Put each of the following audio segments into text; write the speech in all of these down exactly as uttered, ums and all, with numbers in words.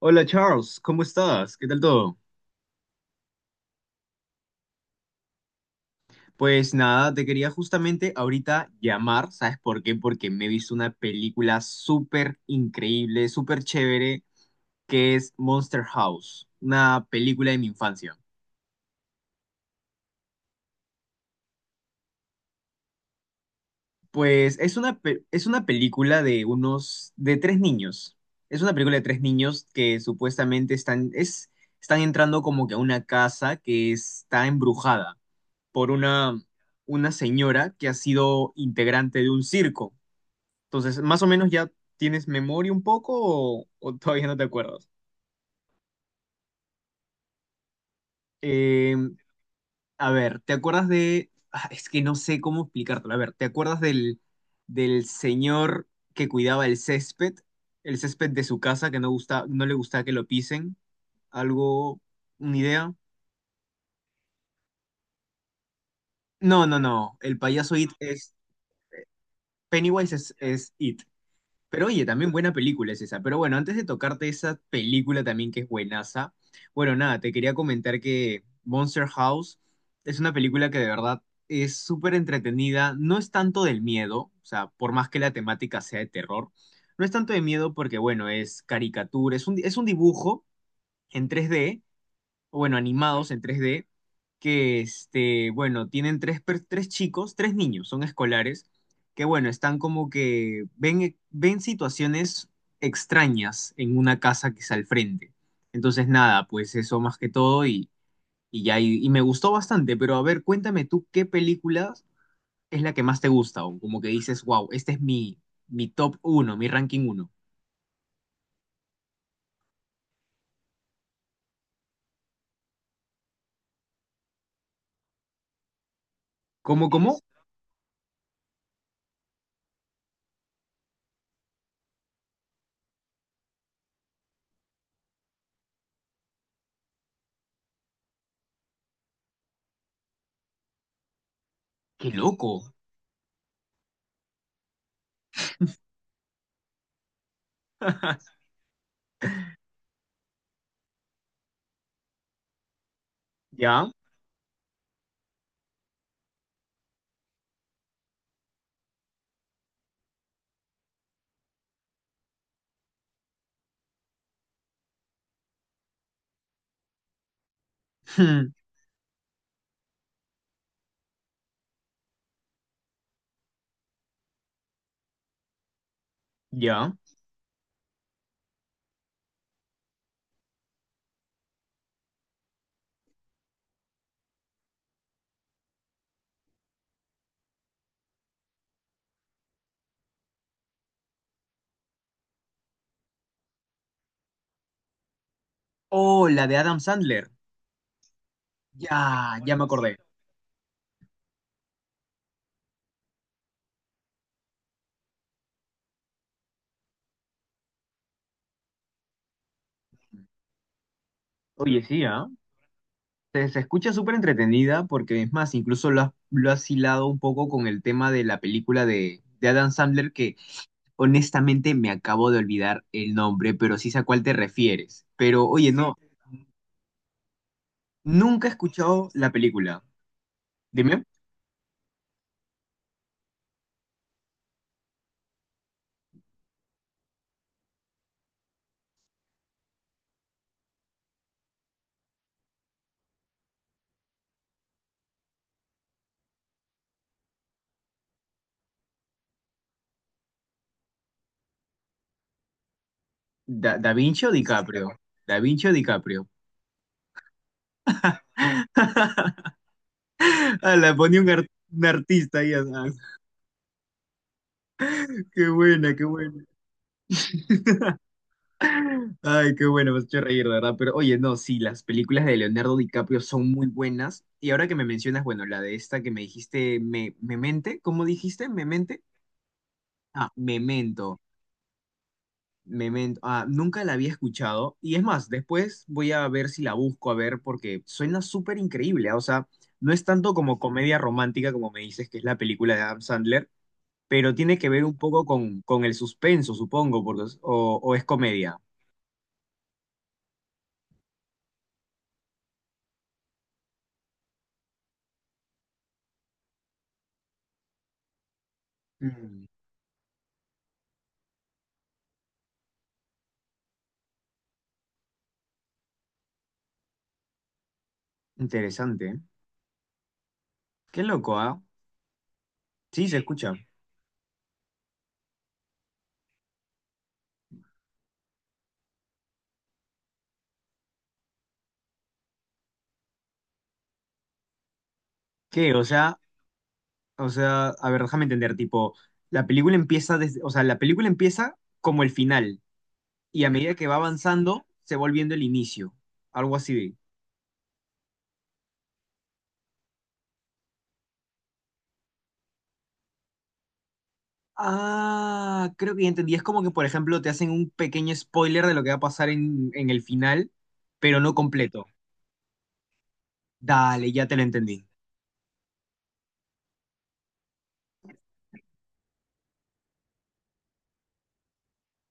Hola Charles, ¿cómo estás? ¿Qué tal todo? Pues nada, te quería justamente ahorita llamar, ¿sabes por qué? Porque me he visto una película súper increíble, súper chévere, que es Monster House, una película de mi infancia. Pues es una, pe- es una película de unos, de tres niños. Es una película de tres niños que supuestamente están, es, están entrando como que a una casa que está embrujada por una, una señora que ha sido integrante de un circo. Entonces, más o menos ya tienes memoria un poco o, o todavía no te acuerdas. Eh, a ver, ¿te acuerdas de... Ah, es que no sé cómo explicártelo. A ver, ¿te acuerdas del, del señor que cuidaba el césped? El césped de su casa que no gusta, no le gustaba que lo pisen. ¿Algo? ¿Una idea? No, no, no. El payaso It es... Pennywise es, es It. Pero oye, también buena película es esa. Pero bueno, antes de tocarte esa película también que es buenaza, bueno, nada, te quería comentar que Monster House es una película que de verdad es súper entretenida. No es tanto del miedo, o sea, por más que la temática sea de terror, no es tanto de miedo porque, bueno, es caricatura, es un, es un dibujo en tres D o bueno, animados en tres d que, este, bueno, tienen tres, per- tres chicos, tres niños, son escolares, que, bueno, están como que ven, e, ven situaciones extrañas en una casa que está al frente. Entonces, nada, pues eso más que todo y, y ya, y, y me gustó bastante, pero a ver, cuéntame tú, ¿qué película es la que más te gusta? O como que dices, wow, este es mi, mi top uno, mi ranking uno. ¿Cómo, cómo? ¡Qué loco! ¿Ya? Ya. Oh, la de Adam Sandler. Ya, ya me acordé. Oye, sí, ¿ah? Se, se escucha súper entretenida porque es más, incluso lo has, lo has hilado un poco con el tema de la película de, de Adam Sandler que honestamente me acabo de olvidar el nombre, pero sí sé a cuál te refieres. Pero oye, no, nunca he escuchado la película. Dime, ¿Da, Da Vinci o DiCaprio? Da Vinci o DiCaprio. Ah, la ponía un, ar- un artista ahí. ah, ah, qué buena, qué buena. Ay, qué bueno, me has hecho reír, de verdad. Pero oye, no, sí, las películas de Leonardo DiCaprio son muy buenas. Y ahora que me mencionas, bueno, la de esta que me dijiste, me, Memente, ¿cómo dijiste? ¿Memente? Ah, Memento, Memento. Ah, nunca la había escuchado. Y es más, después voy a ver si la busco, a ver, porque suena súper increíble. ah, O sea, no es tanto como comedia romántica como me dices, que es la película de Adam Sandler, pero tiene que ver un poco con, con el suspenso, supongo, porque, es- o, o es comedia. Mm, interesante. ¿Eh? Qué loco, ¿ah? Sí, se escucha. ¿Qué? O sea, o sea, a ver, déjame entender, tipo, la película empieza desde, o sea, la película empieza como el final, y a medida que va avanzando, se va volviendo el inicio. Algo así de. Ah, creo que ya entendí. Es como que, por ejemplo, te hacen un pequeño spoiler de lo que va a pasar en, en el final, pero no completo. Dale, ya te lo entendí.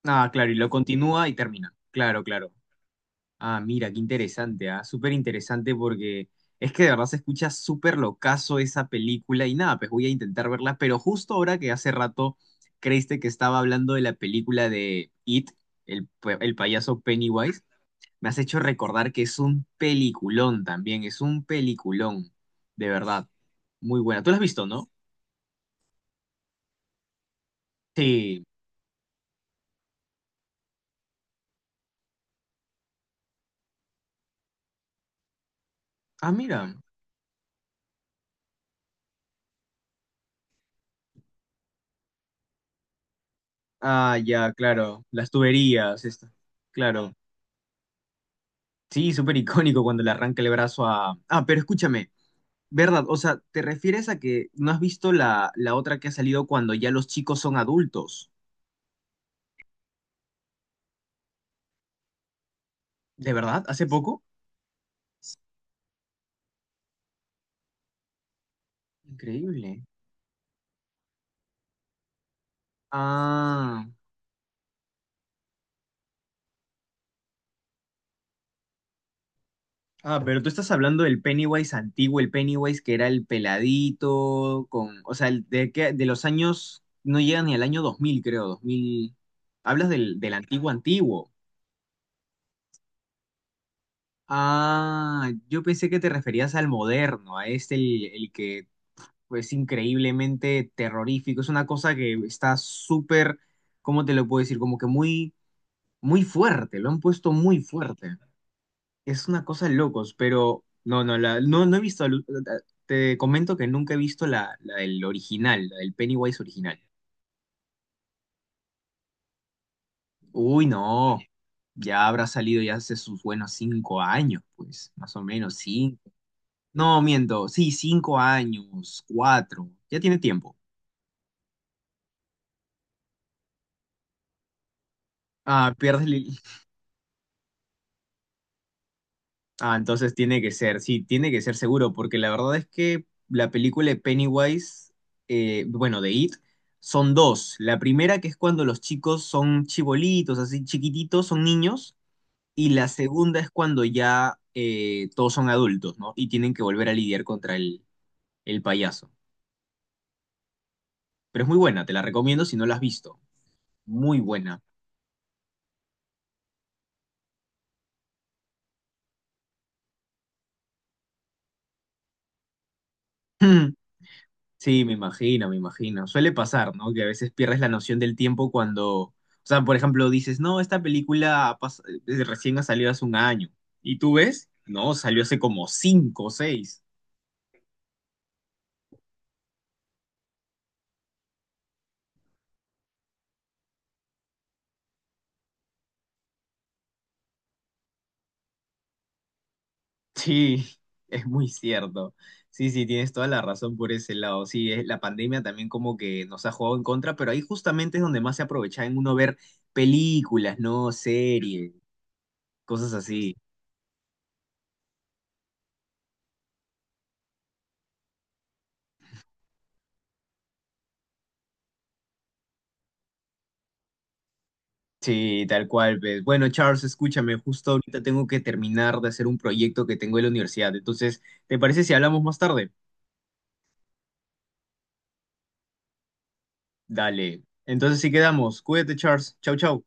Ah, claro, y lo continúa y termina. Claro, claro. Ah, mira, qué interesante, ah, súper interesante porque es que de verdad se escucha súper locazo esa película y nada, pues voy a intentar verla, pero justo ahora que hace rato creíste que estaba hablando de la película de It, el, pa- el payaso Pennywise, me has hecho recordar que es un peliculón también, es un peliculón, de verdad, muy buena. ¿Tú la has visto, no? Sí. Ah, mira. Ah, ya, claro, las tuberías, esta, claro. Sí, súper icónico cuando le arranca el brazo a... Ah, pero escúchame, verdad, o sea, ¿te refieres a que no has visto la, la otra que ha salido cuando ya los chicos son adultos? ¿De verdad? ¿Hace poco? Increíble. Ah, ah, pero tú estás hablando del Pennywise antiguo, el Pennywise que era el peladito, con, o sea, el de, que, de los años, no llega ni al año dos mil, creo, dos mil. Hablas del, del antiguo antiguo. Ah, yo pensé que te referías al moderno, a este, el, el que pues increíblemente terrorífico. Es una cosa que está súper, ¿cómo te lo puedo decir? Como que muy, muy fuerte, lo han puesto muy fuerte. Es una cosa de locos, pero no, no, la, no, no he visto, al- te comento que nunca he visto la, la del original, la del Pennywise original. Uy, no, ya habrá salido ya hace sus buenos cinco años, pues, más o menos, cinco. No, miento, sí, cinco años, cuatro, ya tiene tiempo. Ah, pierdes. Ah, entonces tiene que ser, sí, tiene que ser seguro, porque la verdad es que la película de Pennywise, eh, bueno, de It, son dos. La primera que es cuando los chicos son chibolitos, así chiquititos, son niños, y la segunda es cuando ya eh, todos son adultos, ¿no? Y tienen que volver a lidiar contra el, el payaso. Pero es muy buena, te la recomiendo si no la has visto. Muy buena. Sí, me imagino, me imagino. Suele pasar, ¿no? Que a veces pierdes la noción del tiempo cuando, o sea, por ejemplo, dices, no, esta película ha pas- eh, recién ha salido hace un año. ¿Y tú ves? No, salió hace como cinco o seis. Sí, es muy cierto. Sí, sí, tienes toda la razón por ese lado. Sí, es- la pandemia también como que nos ha jugado en contra, pero ahí justamente es donde más se aprovecha en uno ver películas, ¿no? Series, cosas así. Sí, tal cual, pues. Bueno, Charles, escúchame, justo ahorita tengo que terminar de hacer un proyecto que tengo en la universidad. Entonces, ¿te parece si hablamos más tarde? Dale. Entonces sí quedamos. Cuídate, Charles. Chau, chau.